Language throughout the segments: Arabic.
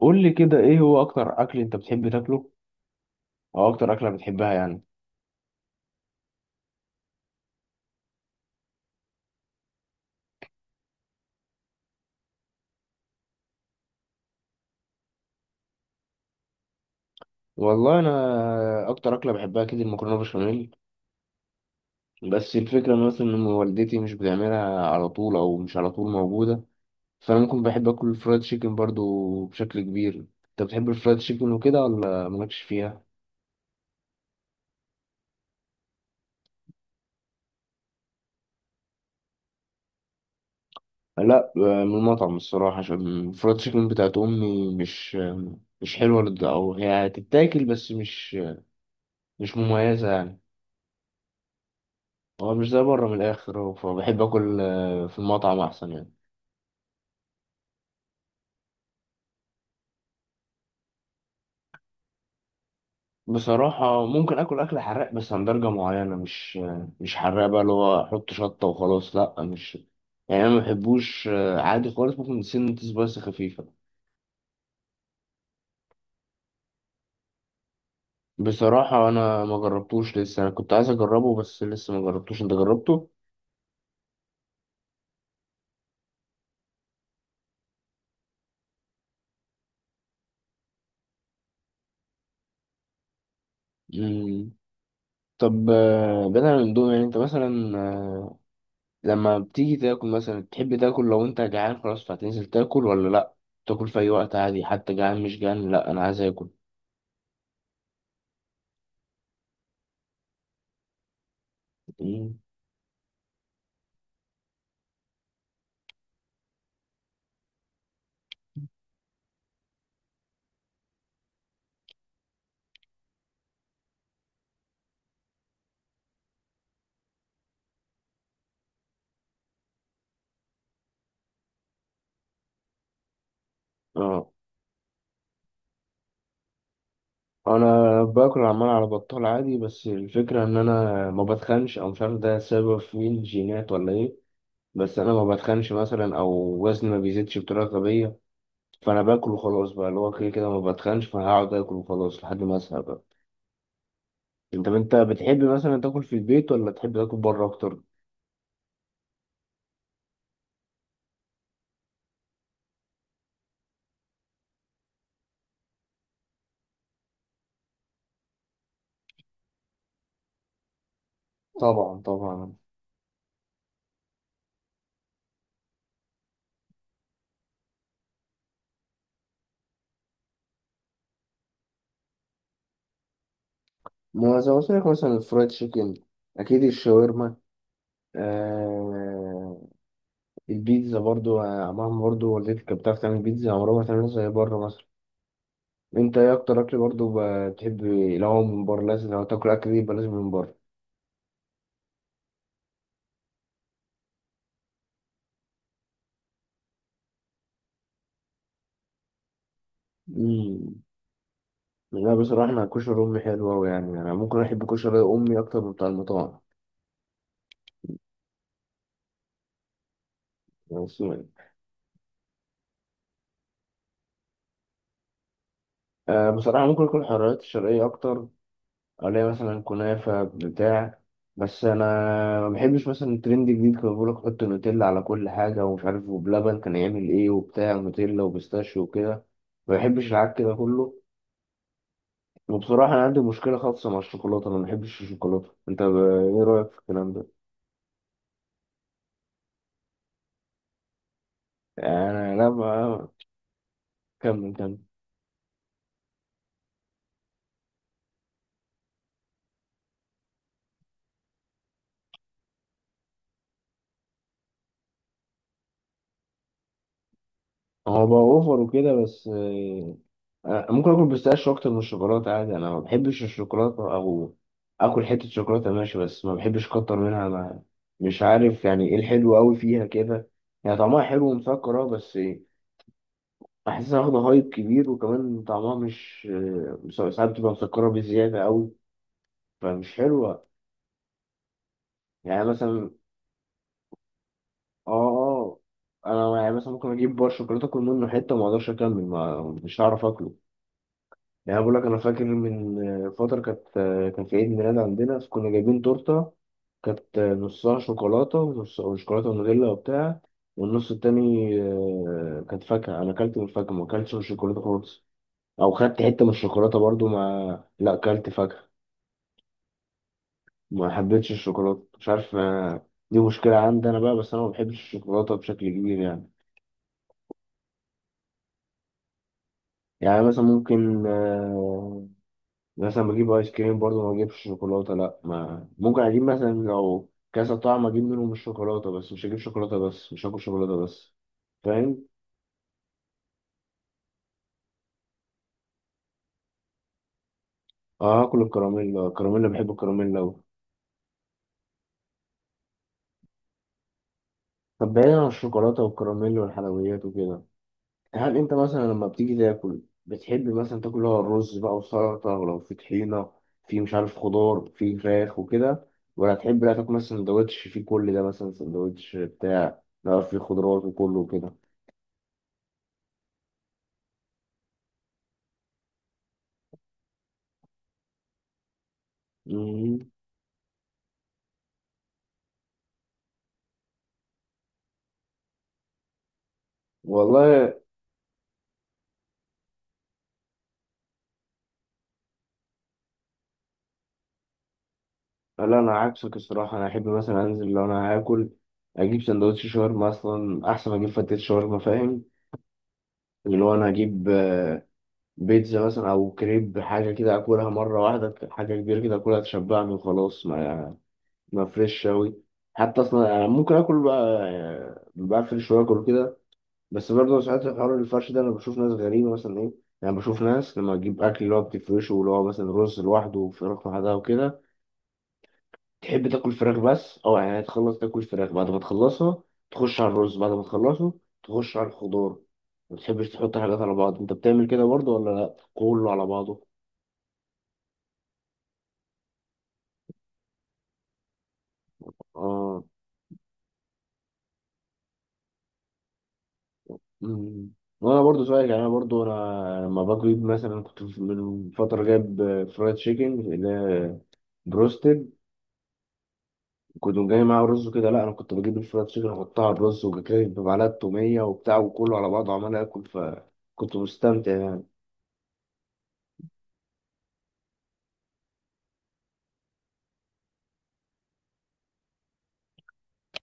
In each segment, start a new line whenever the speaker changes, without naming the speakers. قول لي كده، ايه هو اكتر اكل انت بتحب تاكله او اكتر اكله بتحبها يعني؟ والله انا اكتر اكله بحبها كده المكرونه بشاميل. بس الفكره إن مثلا ان والدتي مش بتعملها على طول، او مش على طول موجوده. فانا ممكن بحب اكل الفرايد تشيكن برضو بشكل كبير. انت بتحب الفرايد تشيكن وكده ولا مالكش فيها؟ لا، من المطعم الصراحه، عشان الفرايد تشيكن بتاعت امي مش حلوه او هي هتتاكل بس مش مميزه يعني. هو مش زي بره من الاخر، هو فبحب اكل في المطعم احسن يعني. بصراحة ممكن اكل اكل حراق بس عن درجة معينة، مش حراق بقى، اللي هو احط شطة وخلاص، لا مش. يعني انا ما بحبوش، عادي خالص، ممكن سنة سبايس خفيفة. بصراحة انا ما جربتوش لسه، انا كنت عايز اجربه بس لسه ما جربتوش، انت جربته؟ مم. طب، بدل من دول يعني انت مثلا لما بتيجي تاكل مثلا تحب تاكل، لو انت جعان خلاص فهتنزل تاكل ولا لا؟ تاكل في اي وقت عادي، حتى جعان مش جعان، لا انا عايز اكل. مم. اه. انا باكل عمال على بطال عادي، بس الفكره ان انا ما بتخنش، او مش عارف ده سبب مين، جينات ولا ايه. بس انا ما بتخنش مثلا، او وزني ما بيزيدش بطريقه غبيه. فانا باكل وخلاص بقى، اللي هو كده كده ما بتخنش، فهقعد اكل وخلاص لحد ما اسهى بقى. انت بتحب مثلا تاكل في البيت ولا تحب تاكل بره اكتر؟ طبعا طبعا. ما زي ما قلت لك مثلا الفرايد تشيكن، اكيد الشاورما، آه البيتزا برضو، مهما برضو والدتك كانت بتعرف تعمل بيتزا عمرها ما تعملها زي بره مثلا. انت ايه اكتر اكل برضو بتحب؟ لو هو من بره لازم لو تاكل اكل دي يبقى لازم من بره. امم. لا، بصراحه انا كشري امي حلو قوي، يعني انا ممكن احب كشري امي اكتر من بتاع المطاعم. يعني. بس. بصراحه ممكن اكل الحلويات الشرقيه اكتر. عليها مثلا كنافة بتاع. بس أنا ما بحبش مثلا الترند الجديد، كان بيقولك حط نوتيلا على كل حاجة، ومش عارف، وبلبن كان يعمل إيه، وبتاع نوتيلا وبيستاشيو وكده. ما بحبش العك ده كله. وبصراحة أنا عندي مشكلة خاصة مع الشوكولاتة، أنا ما بحبش الشوكولاتة، أنت إيه رأيك في الكلام ده؟ أنا، لا، ما. كمل كمل. هو بقى أوفر وكده، بس. أنا ممكن اكل بيستاشيو اكتر من الشوكولاته عادي. انا ما بحبش الشوكولاته، او اكل حته شوكولاته ماشي، بس ما بحبش اكتر منها. ما مش عارف يعني ايه الحلو قوي فيها كده. يعني طعمها حلو ومسكر اه، بس. بحسها واخده هايب كبير، وكمان طعمها مش، ساعات بتبقى مسكره بزياده قوي. فمش حلوه. يعني مثلا. اه، اه. انا يعني مثلا ممكن اجيب بار شوكولاته، اكل منه حته وما اقدرش اكمل، ما مش هعرف اكله. يعني أنا بقول لك، انا فاكر من فتره كان في عيد ميلاد عندنا فكنا جايبين تورته. كانت نصها شوكولاته ونص وشوكولاته ونوتيلا وبتاع. والنص التاني كانت فاكهه. انا اكلت من الفاكهه، ما اكلتش من الشوكولاته خالص. او خدت حته من الشوكولاته برضو، لا اكلت فاكهه. ما حبيتش الشوكولاته، مش عارف، دي مشكله عندي انا بقى، بس انا ما بحبش الشوكولاته بشكل كبير يعني. يعني مثلا ممكن مثلا بجيب ايس كريم برضه ما بجيبش شوكولاته، لا ما، ممكن اجيب مثلا لو كذا طعم اجيب منهم الشوكولاته بس، مش هجيب شوكولاته بس، مش هاكل شوكولاته بس. فاهم. اه، هاكل الكراميل. الكراميل بحب الكراميل أوي. طب، بعيدا عن الشوكولاته والكراميل والحلويات وكده، هل انت مثلا لما بتيجي تاكل بتحب مثلا تاكل اللي هو الرز بقى وسلطه، ولو في طحينه، في مش عارف خضار، في فراخ وكده؟ ولا تحب لا تاكل مثلا سندوتش فيه كل ده، مثلا سندوتش بتاع لا، في خضروات وكله وكده؟ مم. والله لا، انا عكسك الصراحه. انا احب مثلا انزل لو انا هاكل اجيب سندوتش شاورما اصلا، احسن ما اجيب فتت شاورما، فاهم؟ اللي هو انا هجيب بيتزا مثلا او كريب، حاجه كده اكلها مره واحده، حاجه كبيره كده اكلها تشبعني وخلاص، ما فريش اوي. حتى اصلا انا ممكن اكل بقى، بفرش واكل كده. بس برضه ساعات الحوار الفرش ده، انا بشوف ناس غريبه مثلا، ايه. يعني بشوف ناس لما تجيب اكل اللي هو بتفرشه، واللي هو مثلا رز لوحده وفراخ لوحدها وكده. تحب تاكل فراخ بس اه يعني، تخلص تاكل فراخ بعد ما تخلصها، تخش على الرز بعد ما تخلصه، تخش على الخضار. ما بتحبش تحط حاجات على بعض؟ انت بتعمل كده برضه ولا لا، كله على بعضه؟ اه. أمم. وانا برضه زيك يعني. انا برضه انا لما بجيب مثلا كنت من فتره جايب فرايد تشيكن، اللي هي بروستد. كنت جاي معاه رز وكده، لا انا كنت بجيب الفرايد تشيكن احطها على الرز وكده بمعلقه توميه وبتاع، وكله على بعضه عمال اكل، فكنت مستمتع يعني.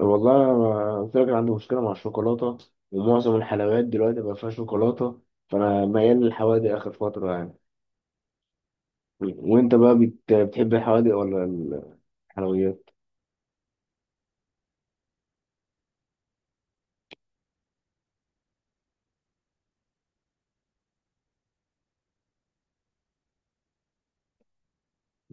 والله أنا قلت لك، أنا عندي مشكلة مع الشوكولاتة. ومعظم الحلويات دلوقتي بقى فيها شوكولاتة. فأنا ميال للحوادق آخر فترة يعني. وأنت بقى بتحب الحوادق ولا الحلويات؟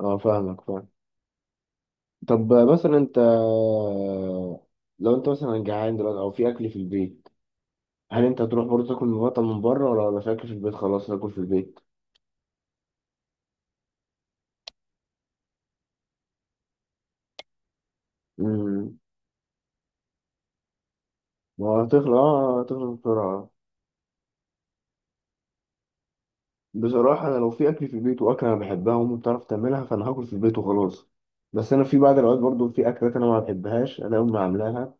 أه، فاهمك فاهم. طب مثلا أنت، لو أنت مثلا جعان دلوقتي أو في أكل في البيت، هل أنت هتروح برضه تاكل من بره، ولا في أكل في البيت خلاص تاكل في البيت؟ امم. ما هتخلص، أه هتخلص بسرعة. بصراحة أنا لو في أكل في البيت وأكلة أنا بحبها وأمي بتعرف تعملها، فأنا هاكل في البيت وخلاص. بس أنا في بعض الأوقات برضو في أكلات أنا ما بحبهاش أنا، أمي عاملاها.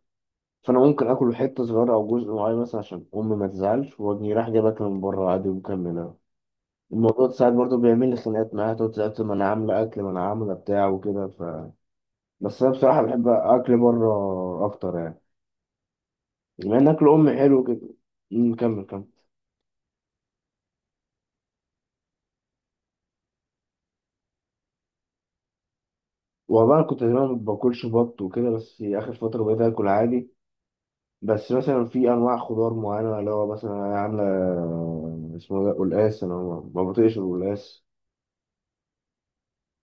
فأنا ممكن آكل حتة صغيرة أو جزء معين مثلا، عشان أمي ما تزعلش، وأجي رايح جايب أكل من بره عادي ومكملها. الموضوع ده ساعات برضو بيعمل لي خناقات معاها، تقعد تسأل ما أنا عاملة أكل، ما أنا عاملة بتاع وكده بس أنا بصراحة بحب أكل بره أكتر يعني، بما إن أكل أمي حلو كده. أمم، كمل كمل. والله أنا كنت زمان ما باكلش بط وكده، بس آخر فترة بقيت آكل عادي. بس مثلا في انواع خضار معينه اللي هو مثلا عامله اسمه ده قلقاس. انا ما بطيقش القلقاس.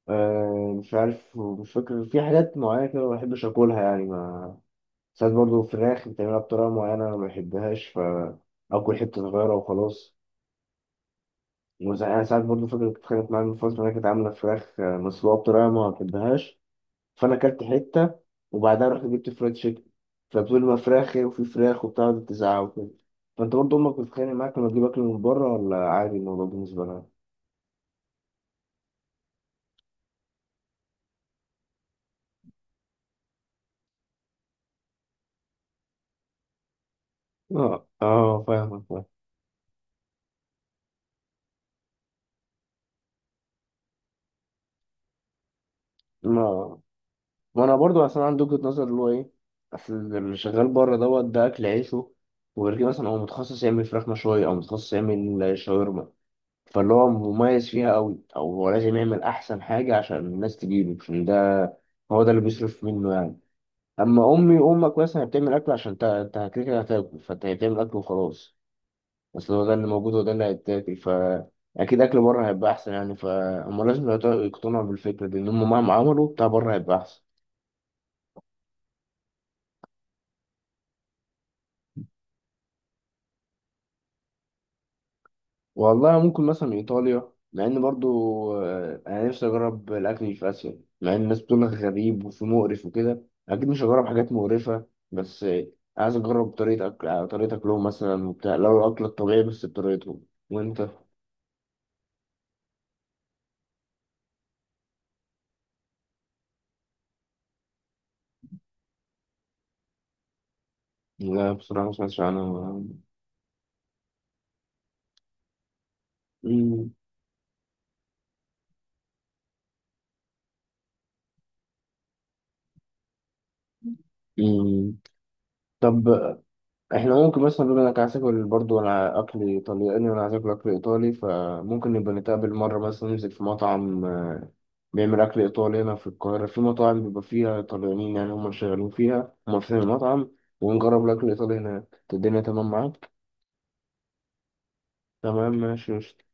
مش عارف، مش فاكر، في حاجات معينه كده ما بحبش اكلها يعني ما ساعات برضه فراخ بتعملها بطريقه معينه انا ما بحبهاش، فاكل حته صغيره وخلاص. يعني ساعات برضه فاكر كنت اتخانقت معايا من فتره إنها كانت عامله فراخ مسلوقه بطريقه ما بحبهاش. فانا اكلت حته. وبعدها رحت جبت فرايد تشيكن. فبتقول لي ما فراخي وفي فراخ وبتاع، وقعدت تزعق وكده. فانت برضه امك بتتخانق معاك لما تجيب اكل من بره، ولا عادي الموضوع بالنسبه لها؟ اه، اه، فاهمك فاهم. ما ما انا برضو اصلا عندي وجهة نظر اللي هو ايه. اصل اللي شغال بره دوت ده اكل عيشه. وغير كده مثلا هو متخصص يعمل فراخ مشوية، او متخصص يعمل شاورما، فاللي هو مميز فيها قوي، او هو لازم يعمل احسن حاجة عشان الناس تجيبه، عشان ده هو ده اللي بيصرف منه يعني. اما امي وامك مثلا بتعمل اكل عشان انت كده كده هتاكل، فانت هي بتعمل اكل وخلاص. بس هو ده اللي موجود وده اللي هيتاكل اكيد اكل بره هيبقى احسن يعني، فهم لازم يقتنعوا بالفكره دي، ان هم مهما عملوا بتاع بره هيبقى احسن. والله ممكن مثلا ايطاليا، مع ان برضو انا نفسي اجرب الاكل اللي في اسيا، مع ان الناس بتقول لك غريب وفي مقرف وكده. اكيد مش هجرب حاجات مقرفه. بس عايز اجرب طريقه اكلهم مثلا وبتاع، لو الاكل الطبيعي بس بطريقتهم. وانت؟ لا، بصراحة ما سمعتش عنها. مم. مم. طب احنا ممكن مثلا بما انك عايز تاكل برضه انا اكل ايطالياني، وانا عايز اكل اكل ايطالي، فممكن نبقى نتقابل مرة مثلا، ننزل في مطعم بيعمل اكل ايطالي هنا في القاهرة، في مطاعم بيبقى فيها ايطاليانيين، يعني هم اللي شغالين فيها، هم فاتحين المطعم. ونجرب الاكل الايطالي هناك، الدنيا تمام معاك؟ تمام، ماشي، قشطة.